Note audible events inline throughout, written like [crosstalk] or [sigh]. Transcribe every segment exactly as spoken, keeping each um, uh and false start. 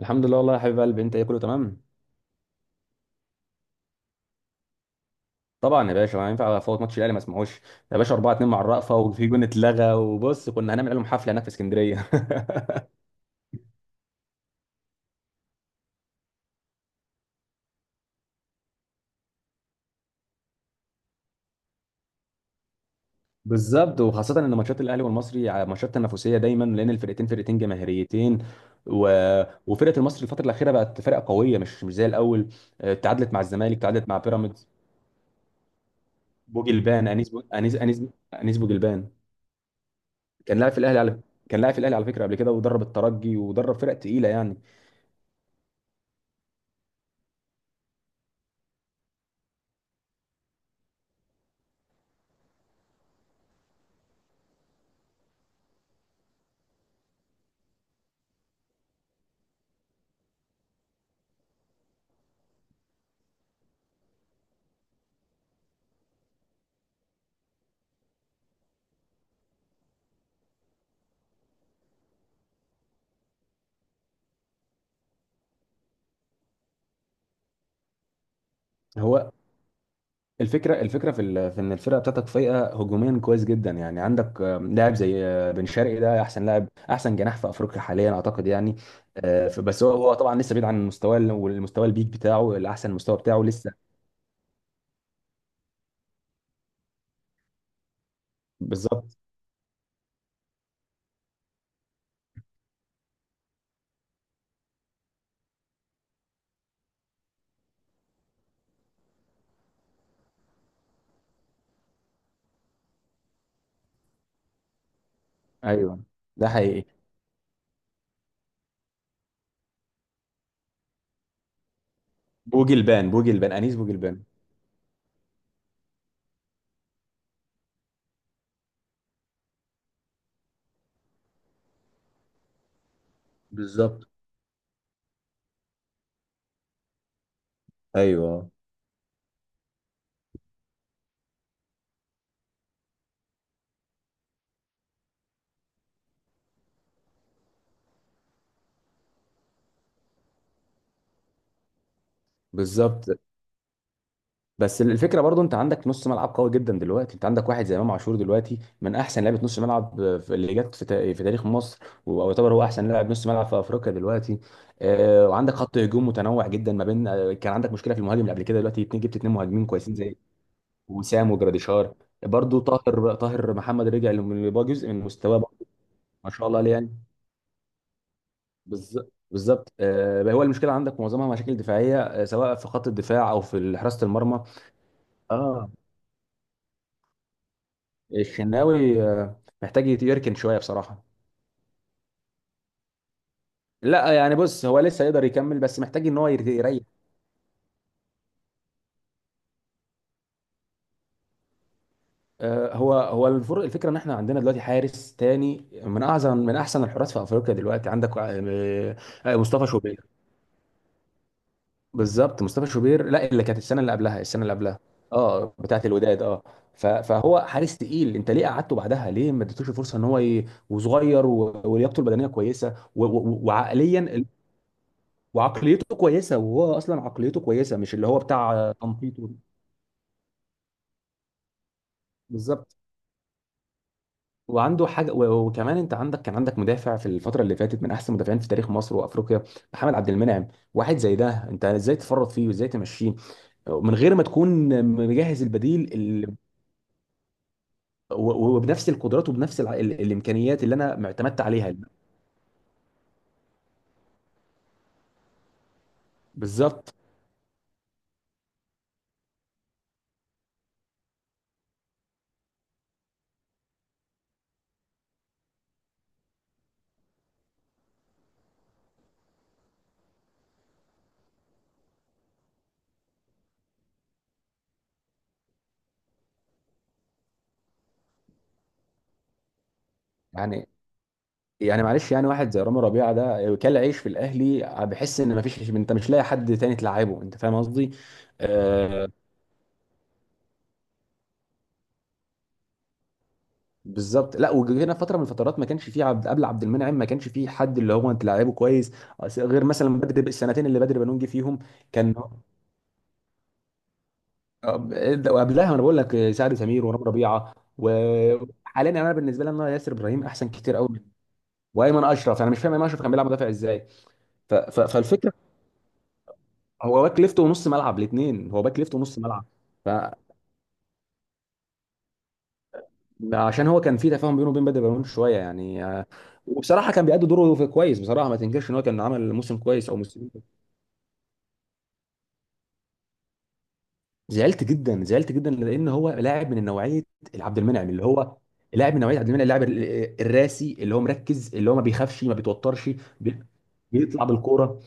الحمد لله، والله يا حبيب قلبي. انت ايه؟ كله تمام. طبعا يا باشا، ما ينفع افوت ماتش الاهلي ما اسمعوش. يا باشا أربعة اتنين مع الرأفة، وفي جون اتلغى، وبص كنا هنعمل لهم حفله هناك في اسكندريه. [laughs] بالظبط، وخاصه ان ماتشات الاهلي والمصري ع- ماتشات تنافسيه دايما لان الفرقتين فرقتين جماهيريتين. و... وفرقه المصري الفتره الاخيره بقت فرقه قويه، مش مش زي الاول. اه، تعادلت مع الزمالك، تعادلت مع بيراميدز. بوجلبان انيس بو... انيس انيس. انيس بوجلبان. كان لاعب في الاهلي على كان لاعب في الاهلي على فكره قبل كده، ودرب الترجي ودرب فرق تقيله يعني. هو الفكره الفكره في ال- في ان الفرقه بتاعتك فايقه هجوميا كويس جدا. يعني عندك آه، لاعب زي آه، بن شرقي، ده احسن لاعب، احسن جناح في افريقيا حاليا اعتقد يعني. آه، ف- بس هو هو طبعا لسه بعيد عن المستوى ال- والمستوى البيك بتاعه، الاحسن مستوى بتاعه لسه. بالظبط، ايوه، ده حقيقي. بوجلبان بوجلبان انيس بوجلبان. بالظبط، ايوه، بالظبط. بس الفكره برضو، انت عندك نص ملعب قوي جدا دلوقتي. انت عندك واحد زي امام عاشور دلوقتي، من احسن لعيبه نص ملعب في- اللي جت في تا- في تاريخ مصر، ويعتبر هو احسن لاعب نص ملعب في افريقيا دلوقتي. آه، وعندك خط هجوم متنوع جدا، ما بين آه، كان عندك مشكله في المهاجم اللي قبل كده، دلوقتي اتنين، جبت اتنين مهاجمين كويسين زي وسام وجراديشار. برضو طاهر طاهر محمد رجع اللي بقى جزء من مستواه برضو. ما شاء الله عليه يعني. بالظبط بالظبط، آه، هو المشكله عندك معظمها مشاكل دفاعيه، آه، سواء في خط الدفاع او في حراسه المرمى. اه، الشناوي آه، محتاج يت- يركن شويه بصراحه. لا، يعني بص، هو لسه يقدر يكمل، بس محتاج ان هو ير- يريح. آه، هو هو الفر- الفكره ان احنا عندنا دلوقتي حارس تاني من اعظم، من احسن الحراس في افريقيا دلوقتي. عندك آه، آه، آه، مصطفى شوبير. بالظبط، مصطفى شوبير. لا، اللي كانت السنه اللي قبلها، السنه اللي قبلها. اه، بتاعت الوداد، اه. ف- فهو حارس تقيل، انت ليه قعدته بعدها؟ ليه ما اديتوش الفرصه؟ ان هو ي... وصغير، و... ولياقته البدنيه كويسه، و... و... وعقليا، وعقليته كويسه، وهو اصلا عقليته كويسه، مش اللي هو بتاع آه، تنطيط و- بالظبط، وعنده حاجه، و- وكمان انت عندك كان عندك مدافع في الفتره اللي فاتت، من احسن مدافعين في تاريخ مصر وافريقيا. محمد عبد المنعم. واحد زي ده، انت ازاي تفرط فيه وازاي تمشيه من غير ما تكون مجهز البديل ال... و- و- وبنفس القدرات وبنفس الع... ال... الامكانيات اللي انا اعتمدت عليها. بالظبط. يعني يعني معلش، يعني واحد زي رامي ربيعه ده، كل عيش في الاهلي. بحس ان ما فيش، انت مش لاقي حد تاني تلعبه، انت فاهم قصدي. آه، بالظبط. لا، وجينا فتره من الفترات ما كانش فيه عبد، قبل عبد المنعم ما كانش فيه حد اللي هو انت لعيبه كويس، غير مثلا بدري، السنتين اللي بدري بنون جه فيهم. كان، وقبلها انا بقول لك سعد سمير ورام ربيعه. وحاليا انا بالنسبه لي ان أنا ياسر ابراهيم احسن كتير قوي من وايمن اشرف. انا مش فاهم ايمن اشرف كان بيلعب مدافع ازاي. ف... ف... فالفكره، هو باك ليفت ونص ملعب، الاثنين، هو باك ليفت ونص ملعب. فعشان هو كان في تفاهم بينه وبين بدري بنون شويه يعني. آه، وبصراحه كان بيأدي دوره في كويس بصراحه، ما تنكرش ان هو كان عمل موسم كويس او موسم. زعلت جدا، زعلت جدا، لان هو لاعب من نوعيه عبد المنعم، اللي هو لاعب من نوعيه عبد المنعم، اللاعب ال- آه، الراسي، اللي هو مركز، اللي هو ما بيخافش، ما بيتوترش. بي- بيطلع بالكوره،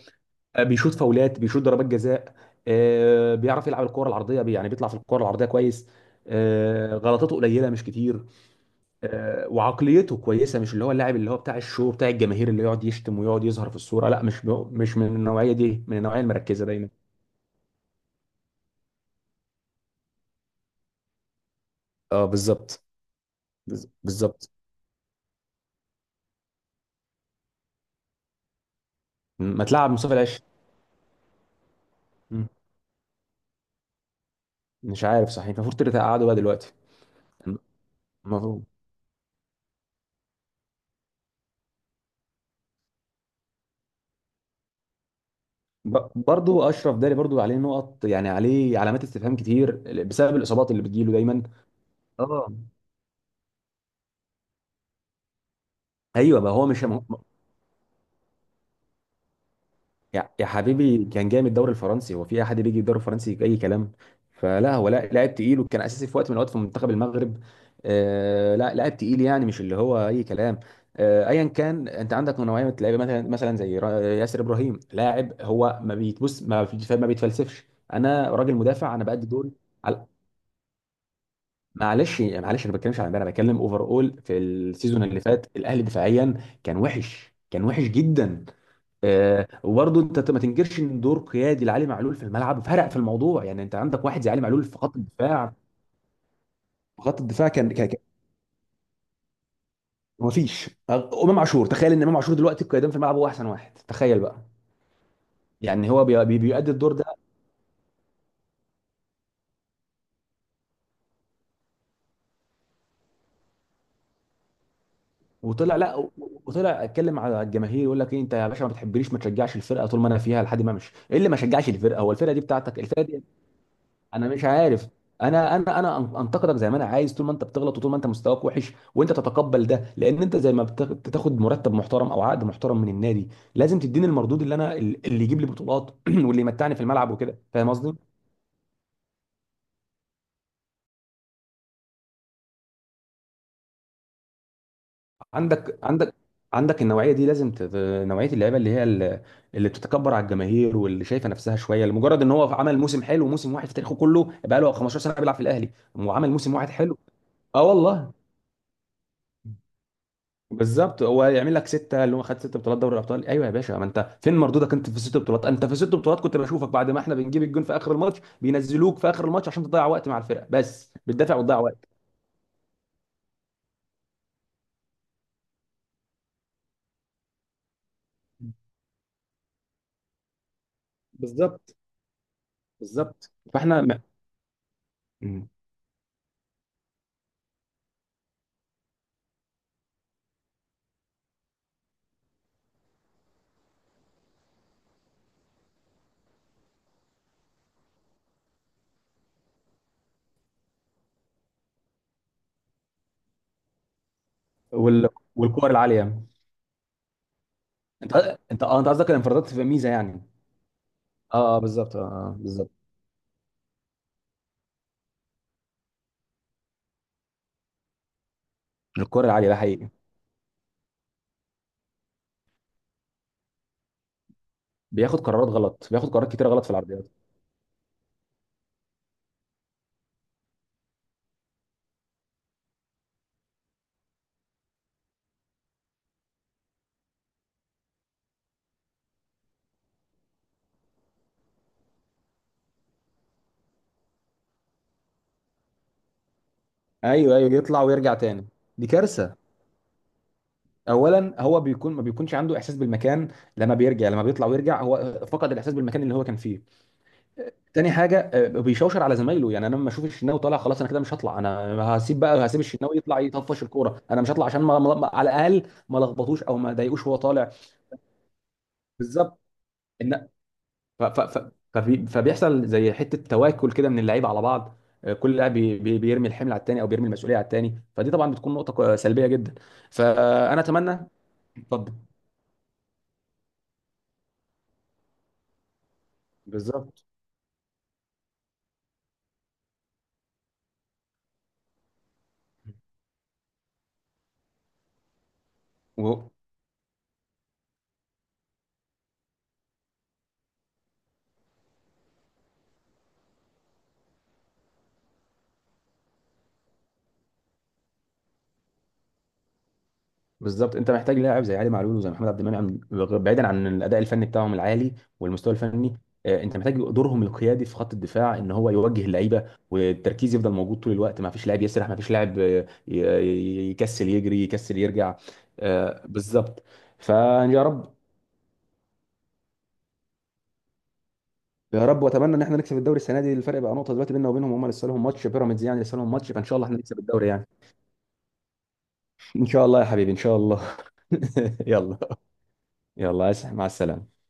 آه، بيشوط فاولات، بيشوط ضربات جزاء. آه، بيعرف يلعب الكوره العرضيه، بي- يعني بيطلع في الكوره العرضيه كويس. آه، غلطاته قليله مش كتير. آه، وعقليته كويسه، مش اللي هو اللاعب اللي هو بتاع الشو، بتاع الجماهير، اللي يقعد يشتم ويقعد يظهر في الصوره، لا. مش مش من النوعيه دي، من النوعيه المركزه دايما. اه، بالظبط. بز- بالظبط. ما تلعب مصطفى العش. مم. مش عارف صحيح، المفروض تلاتة قعدوا بقى دلوقتي، المفروض. ب- برضو اشرف داري، برضو عليه نقط يعني، عليه علامات استفهام كتير بسبب الاصابات اللي بتجيله دايما. اه. ايوه بقى، هو مش. يا يا حبيبي، كان جاي من الدوري الفرنسي، هو في احد بيجي الدوري الفرنسي اي كلام؟ فلا، هو لا لاعب تقيل، وكان اساسي في وقت من الاوقات في منتخب المغرب. آه، لا، لاعب تقيل يعني، مش اللي هو اي كلام. آه، ايا كان، انت عندك نوعيه من اللعيبه، مثلا مثلا زي را- ياسر ابراهيم، لاعب هو ما بيتبص، ما, بيتف- ما بيتفلسفش، انا راجل مدافع، انا بأدي دور. عل- معلش معلش، انا ما بتكلمش عن امبارح، انا بتكلم اوفر اول، في السيزون اللي فات الاهلي دفاعيا كان وحش، كان وحش جدا. آه، وبرضه انت ما تنكرش ان دور قيادي لعلي معلول في الملعب فرق في الموضوع يعني. انت عندك واحد زي علي معلول في خط الدفاع، في خط الدفاع. كان كان كان- ما فيش امام عاشور، تخيل ان امام عاشور دلوقتي القيادان في الملعب، هو احسن واحد، تخيل بقى. يعني هو بي- بي- بيؤدي الدور ده. وطلع، لا. و- وطلع اتكلم على الجماهير، يقول لك ايه؟ انت يا باشا ما بتحبنيش، ما تشجعش الفرقه طول ما انا فيها لحد ما امشي. ايه اللي ما شجعش الفرقه؟ هو الفرقه دي بتاعتك، الفرقه دي. انا مش عارف. انا انا انا أن- انتقدك زي ما انا عايز، طول ما انت بتغلط وطول ما انت مستواك وحش، وانت تتقبل ده، لان انت زي ما بتاخ- بتاخد مرتب محترم او عقد محترم من النادي، لازم تديني المردود، اللي انا اللي يجيب لي بطولات [clears throat] واللي يمتعني في الملعب وكده، فاهم قصدي. عندك عندك عندك النوعيه دي لازم تت... نوعيه اللعيبه، اللي هي ال- اللي بتتكبر على الجماهير، واللي شايفه نفسها شويه لمجرد ان هو عمل موسم حلو، وموسم واحد في تاريخه كله، بقى له خمسة عشر سنه بيلعب في الاهلي وعمل موسم واحد حلو. اه، والله. بالظبط، هو يعمل لك سته اللي هو خد ست بطولات دوري الابطال؟ ايوه يا باشا، ما انت فين مردودك؟ انت في الست بطولات، انت في الست بطولات كنت بشوفك بعد ما احنا بنجيب الجون في اخر الماتش بينزلوك في اخر الماتش، عشان تضيع وقت مع الفرقه بس، بتدافع وتضيع وقت. بالظبط بالظبط، فاحنا م... مم. وال... والكور العاليه. انت انت اه انت قصدك الانفرادات تبقى ميزه يعني. اه اه، بالظبط، اه، آه، بالظبط. الكور العاليه ده حقيقي. بياخد قرارات غلط، بياخد قرارات كتير غلط في العرضيات. ايوه ايوه، يطلع ويرجع تاني. دي كارثه. اولا هو بيكون ما بيكونش عنده احساس بالمكان، لما بيرجع لما بيطلع ويرجع هو فقد الاحساس بالمكان اللي هو كان فيه. تاني حاجه، آه، بيشوشر على زمايله. يعني انا لما اشوف الشناوي طالع خلاص، انا كده مش هطلع، انا هسيب بقى هسيب الشناوي يطلع يطفش الكوره، انا مش هطلع، عشان ما ما- ما- على الاقل ما لخبطوش او ما ضايقوش وهو طالع. بالظبط ان. ف... ف... ف... فبي... فبيحصل زي حته تواكل كده من اللعيبه على بعض. آه، كل لاعب بي... بي... بيرمي الحمل على التاني، او بيرمي المسؤوليه على التاني. فدي طبعا بتكون نقطه كو- سلبيه جدا. فانا اتمنى. اتفضل. بالظبط بالظبط، انت محتاج لاعب زي علي معلول وزي محمد عبد المنعم، بعيدا عن الاداء الفني بتاعهم العالي والمستوى الفني. آه، انت محتاج دورهم القيادي في خط الدفاع، ان هو يوجه اللعيبه، والتركيز يفضل موجود طول الوقت، ما فيش لاعب يسرح، ما فيش لاعب آه، ي- ي- يكسل يجري، يكسل يرجع. آه، بالظبط. فيا رب، يا رب، واتمنى ان احنا نكسب الدوري السنه دي، الفرق بقى نقطه دلوقتي بيننا وبينهم، هم لسه لهم ماتش بيراميدز يعني، لسه لهم ماتش، فان شاء الله احنا نكسب الدوري يعني. ان شاء الله يا حبيبي، ان شاء الله. [laughs] يلا. يلا عايز- مع السلامه.